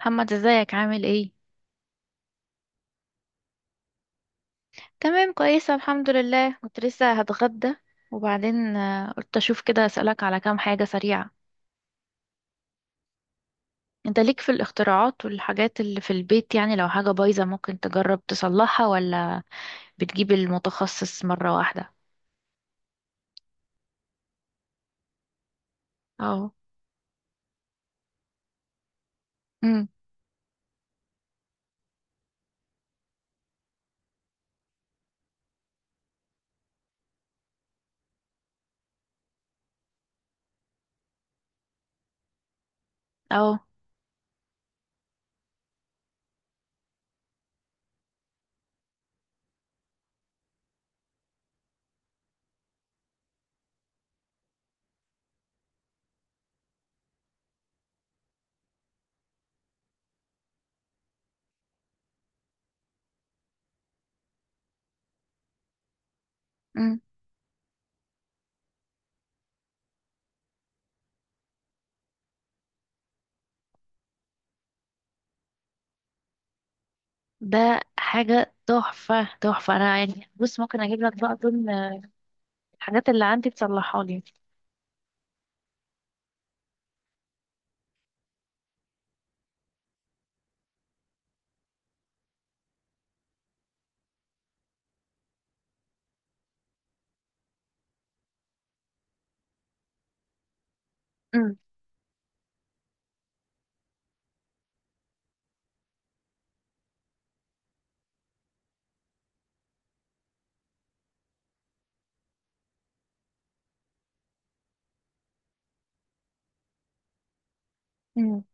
محمد ازيك عامل ايه؟ تمام، كويسه الحمد لله. كنت لسه هتغدى وبعدين قلت اشوف كده اسالك على كام حاجه سريعه. انت ليك في الاختراعات والحاجات اللي في البيت؟ يعني لو حاجه بايظه ممكن تجرب تصلحها ولا بتجيب المتخصص مره واحده؟ اه. امم اه. امم ده حاجه تحفه تحفه. انا يعني بص ممكن اجيب لك بقى ضمن الحاجات اللي عندي تصلحها لي. امم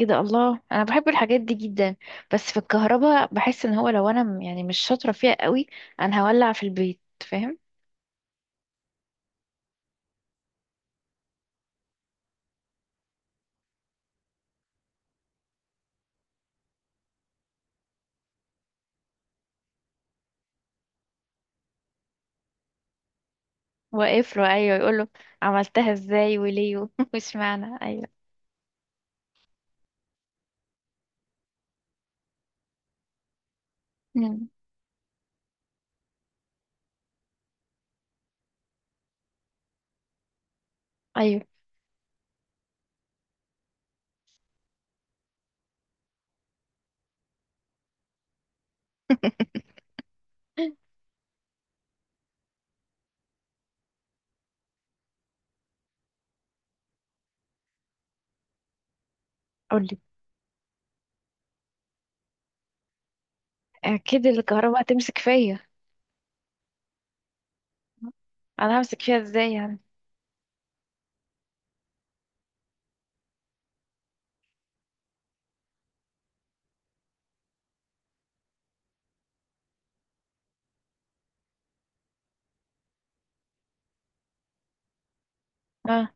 ايه ده! الله، انا بحب الحاجات دي جدا، بس في الكهرباء بحس ان هو لو انا يعني مش شاطره فيها قوي، انا هولع في البيت، فاهم؟ واقف له ايوه، يقول له عملتها ازاي وليه مش معنى ايوه. مم. ايوه. قولي. اكيد الكهرباء هتمسك فيا. انا همسك فيها ازاي يعني؟ اه.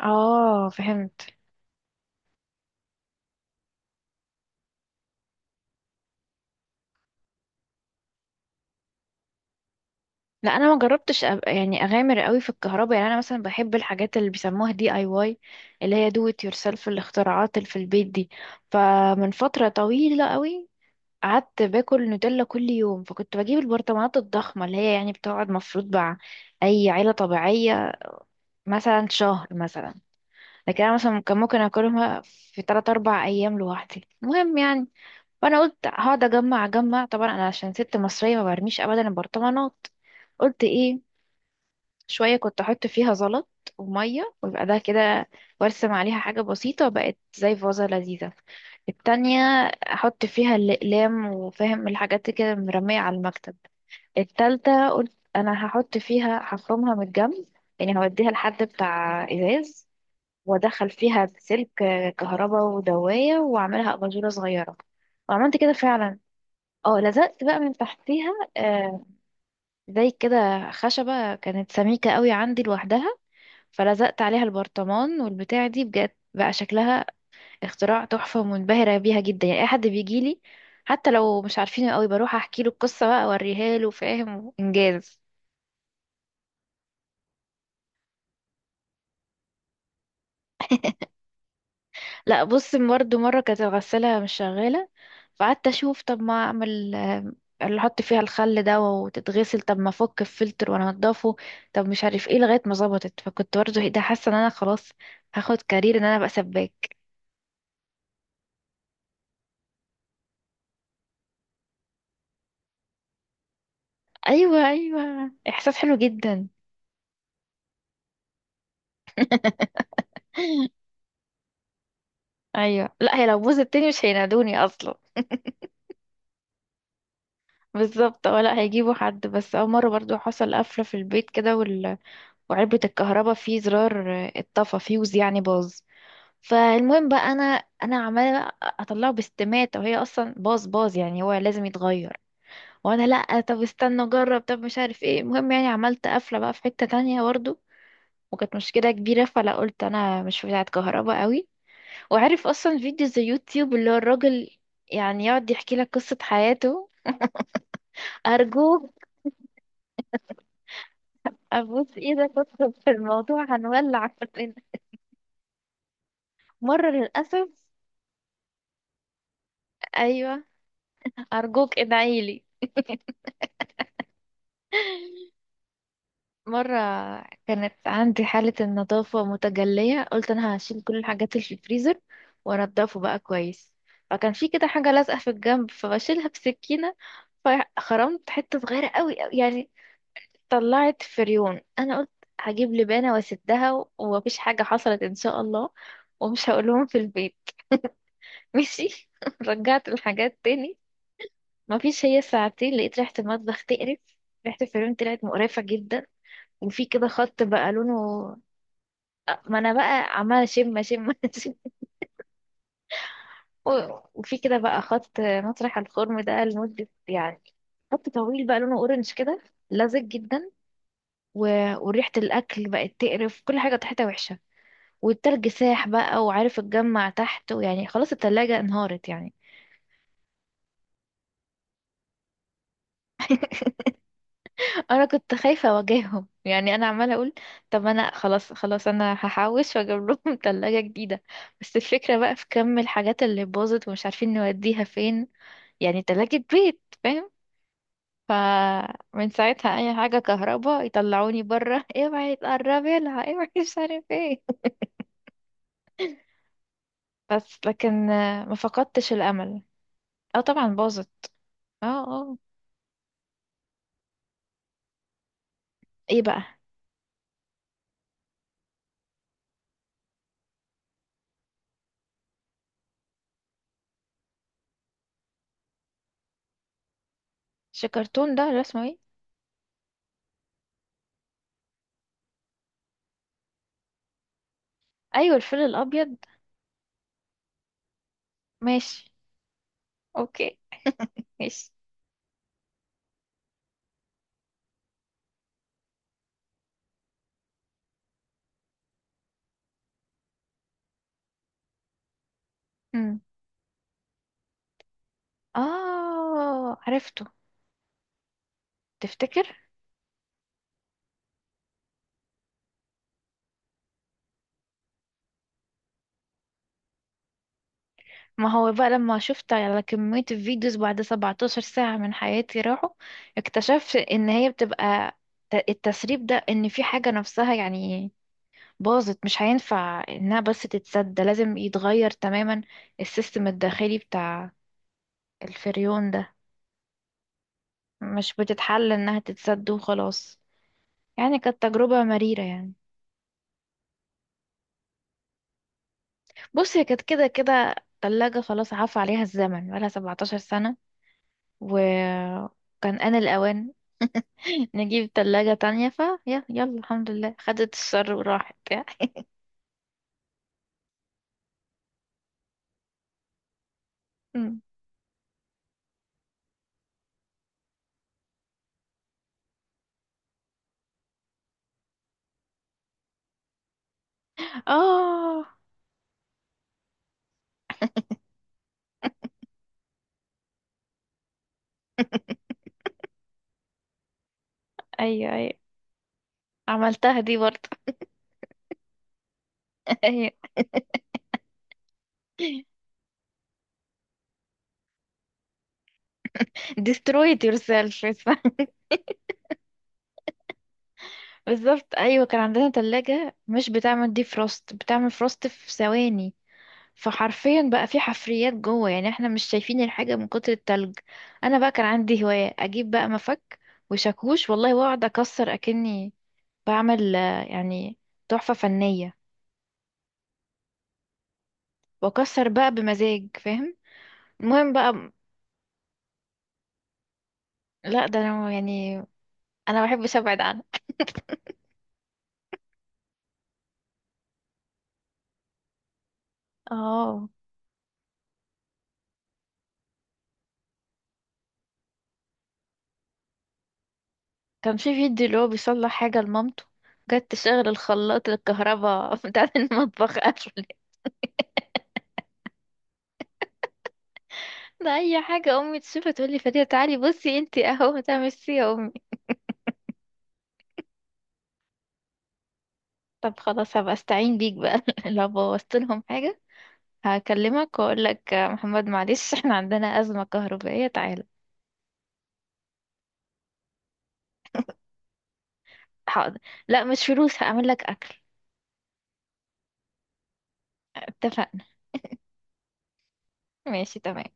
اه فهمت. لا انا ما جربتش يعني اغامر قوي في الكهرباء. يعني انا مثلا بحب الحاجات اللي بيسموها دي اي واي، اللي هي دو ات يور سيلف، الاختراعات اللي في البيت دي. فمن فتره طويله قوي قعدت باكل نوتيلا كل يوم، فكنت بجيب البرطمانات الضخمه اللي هي يعني بتقعد مفروض مع اي عيله طبيعيه مثلا شهر مثلا، لكن انا مثلا كان ممكن اكلها في 3 4 ايام لوحدي. المهم يعني، فانا قلت هقعد اجمع اجمع. طبعا انا عشان ست مصريه ما برميش ابدا البرطمانات. قلت ايه، شوية كنت أحط فيها زلط ومية ويبقى ده كده، وأرسم عليها حاجة بسيطة، بقت زي فازة لذيذة. التانية أحط فيها الأقلام وفاهم الحاجات كده مرمية على المكتب. التالتة قلت أنا هحط فيها، هفرمها من الجنب، يعني هوديها لحد بتاع إزاز، وأدخل فيها سلك كهرباء ودواية وأعملها أباجورة صغيرة. وعملت كده فعلا. اه، لزقت بقى من تحتيها آه زي كده خشبة كانت سميكة قوي عندي لوحدها، فلزقت عليها البرطمان والبتاع. دي بجد بقى شكلها اختراع تحفة، ومنبهرة بيها جدا. يعني اي حد بيجيلي حتى لو مش عارفينه قوي بروح احكي له القصة، بقى اوريها له، فاهم، انجاز. لا بص، برضه مرة كانت الغسالة مش شغالة، فقعدت اشوف طب ما اعمل اللي احط فيها الخل ده وتتغسل، طب ما افك الفلتر وانضفه، طب مش عارف ايه، لغاية ما ظبطت. فكنت برضه ايه ده، حاسة ان انا خلاص هاخد كارير ان انا ابقى سباك. ايوه، ايوه، احساس حلو جدا. ايوه، لا هي لو بوظ التاني مش هينادوني اصلا. بالظبط. اه لا هيجيبوا حد. بس اول مره برضو حصل قفله في البيت كده وعلبه الكهرباء فيه زرار اتطفى، فيوز يعني باظ. فالمهم بقى انا عماله اطلعه باستماته، وهي اصلا باظ باظ، يعني هو لازم يتغير. وانا لا طب استنى اجرب، طب مش عارف ايه. المهم يعني عملت قفله بقى في حته تانية برضو، وكانت مشكله كبيره. فلا قلت انا مش بتاعه كهرباء قوي. وعارف اصلا فيديو زي يوتيوب اللي هو الراجل يعني يقعد يحكي لك قصة حياته. ارجوك، ابوس ايدك ادخل في الموضوع، هنولع كلنا. مرة للأسف. ايوه. ارجوك ادعيلي. مرة كانت عندي حالة النظافة متجلية، قلت انا هشيل كل الحاجات اللي في الفريزر وانضفه بقى كويس. فكان في كده حاجة لازقة في الجنب، فبشيلها بسكينة، فخرمت حتة صغيرة قوي قوي يعني. طلعت فريون. انا قلت هجيب لبانه واسدها ومفيش حاجه حصلت ان شاء الله، ومش هقولهم في البيت. ماشي رجعت الحاجات تاني. مفيش، هي ساعتين لقيت ريحه المطبخ تقرف. ريحه الفريون طلعت مقرفه جدا. وفي كده خط بقى لونه، ما انا بقى عماله شم شم شم. وفي كده بقى خط مطرح الخرم ده لمده يعني، خط طويل بقى لونه اورنج كده، لزج جدا، و... وريحه الاكل بقت تقرف، كل حاجه ريحتها وحشه، والتلج ساح بقى وعارف اتجمع تحت، ويعني خلاص التلاجة انهارت يعني. انا كنت خايفة اواجههم. يعني انا عمالة اقول طب انا خلاص خلاص، انا هحوش واجيب لهم تلاجة جديدة. بس الفكرة بقى في كم الحاجات اللي باظت ومش عارفين نوديها فين. يعني تلاجة بيت فاهم. فمن ساعتها اي حاجة كهرباء يطلعوني بره اوعي تقربي لها اوعي مش عارف ايه. بس لكن ما فقدتش الامل. اه طبعا باظت. اه اه. ايه بقى؟ شكرتون ده ولا اسمه ايه؟ ايوه الفيل الابيض. ماشي. اوكي. ماشي. امم. اه عرفته. تفتكر؟ ما هو بقى لما شفت على كمية الفيديوز بعد 17 ساعة من حياتي راحوا، اكتشفت ان هي بتبقى التسريب ده ان في حاجة نفسها يعني باظت، مش هينفع انها بس تتسد، ده لازم يتغير تماما، السيستم الداخلي بتاع الفريون ده. مش بتتحل انها تتسد وخلاص. يعني كانت تجربة مريرة يعني. بص هي كانت كده كده تلاجة خلاص عفى عليها الزمن، بقالها 17 سنة، وكان آن الأوان. نجيب تلاجة تانية، ف يا يلا الحمد لله خدت الشر وراحت يعني. أمم. اه. ايوه ايوه، عملتها دي برضه. ايوه. destroyed yourself اسمها. بالظبط ايوه. كان عندنا تلاجة مش بتعمل دي فروست، بتعمل فروست في ثواني. فحرفيا بقى في حفريات جوه، يعني احنا مش شايفين الحاجة من كتر التلج. انا بقى كان عندي هواية اجيب بقى مفك وشاكوش والله، واقعد اكسر، اكني بعمل يعني تحفة فنية، واكسر بقى بمزاج فاهم. المهم بقى، لا ده انا يعني انا ما بحبش ابعد عنها. اه. كان في فيديو اللي هو بيصلح حاجة لمامته، جت تشغل الخلاط، الكهرباء بتاع المطبخ قفل. ده اي حاجة امي تشوفها تقول لي فريدة تعالي بصي انتي، اهو ده. ميرسي يا امي. طب خلاص هبقى استعين بيك بقى لو بوظت لهم حاجة، هكلمك واقول لك محمد معلش احنا عندنا أزمة كهربائية تعالى. حاضر. لا مش فلوس، هعمل لك أكل. اتفقنا. ماشي تمام.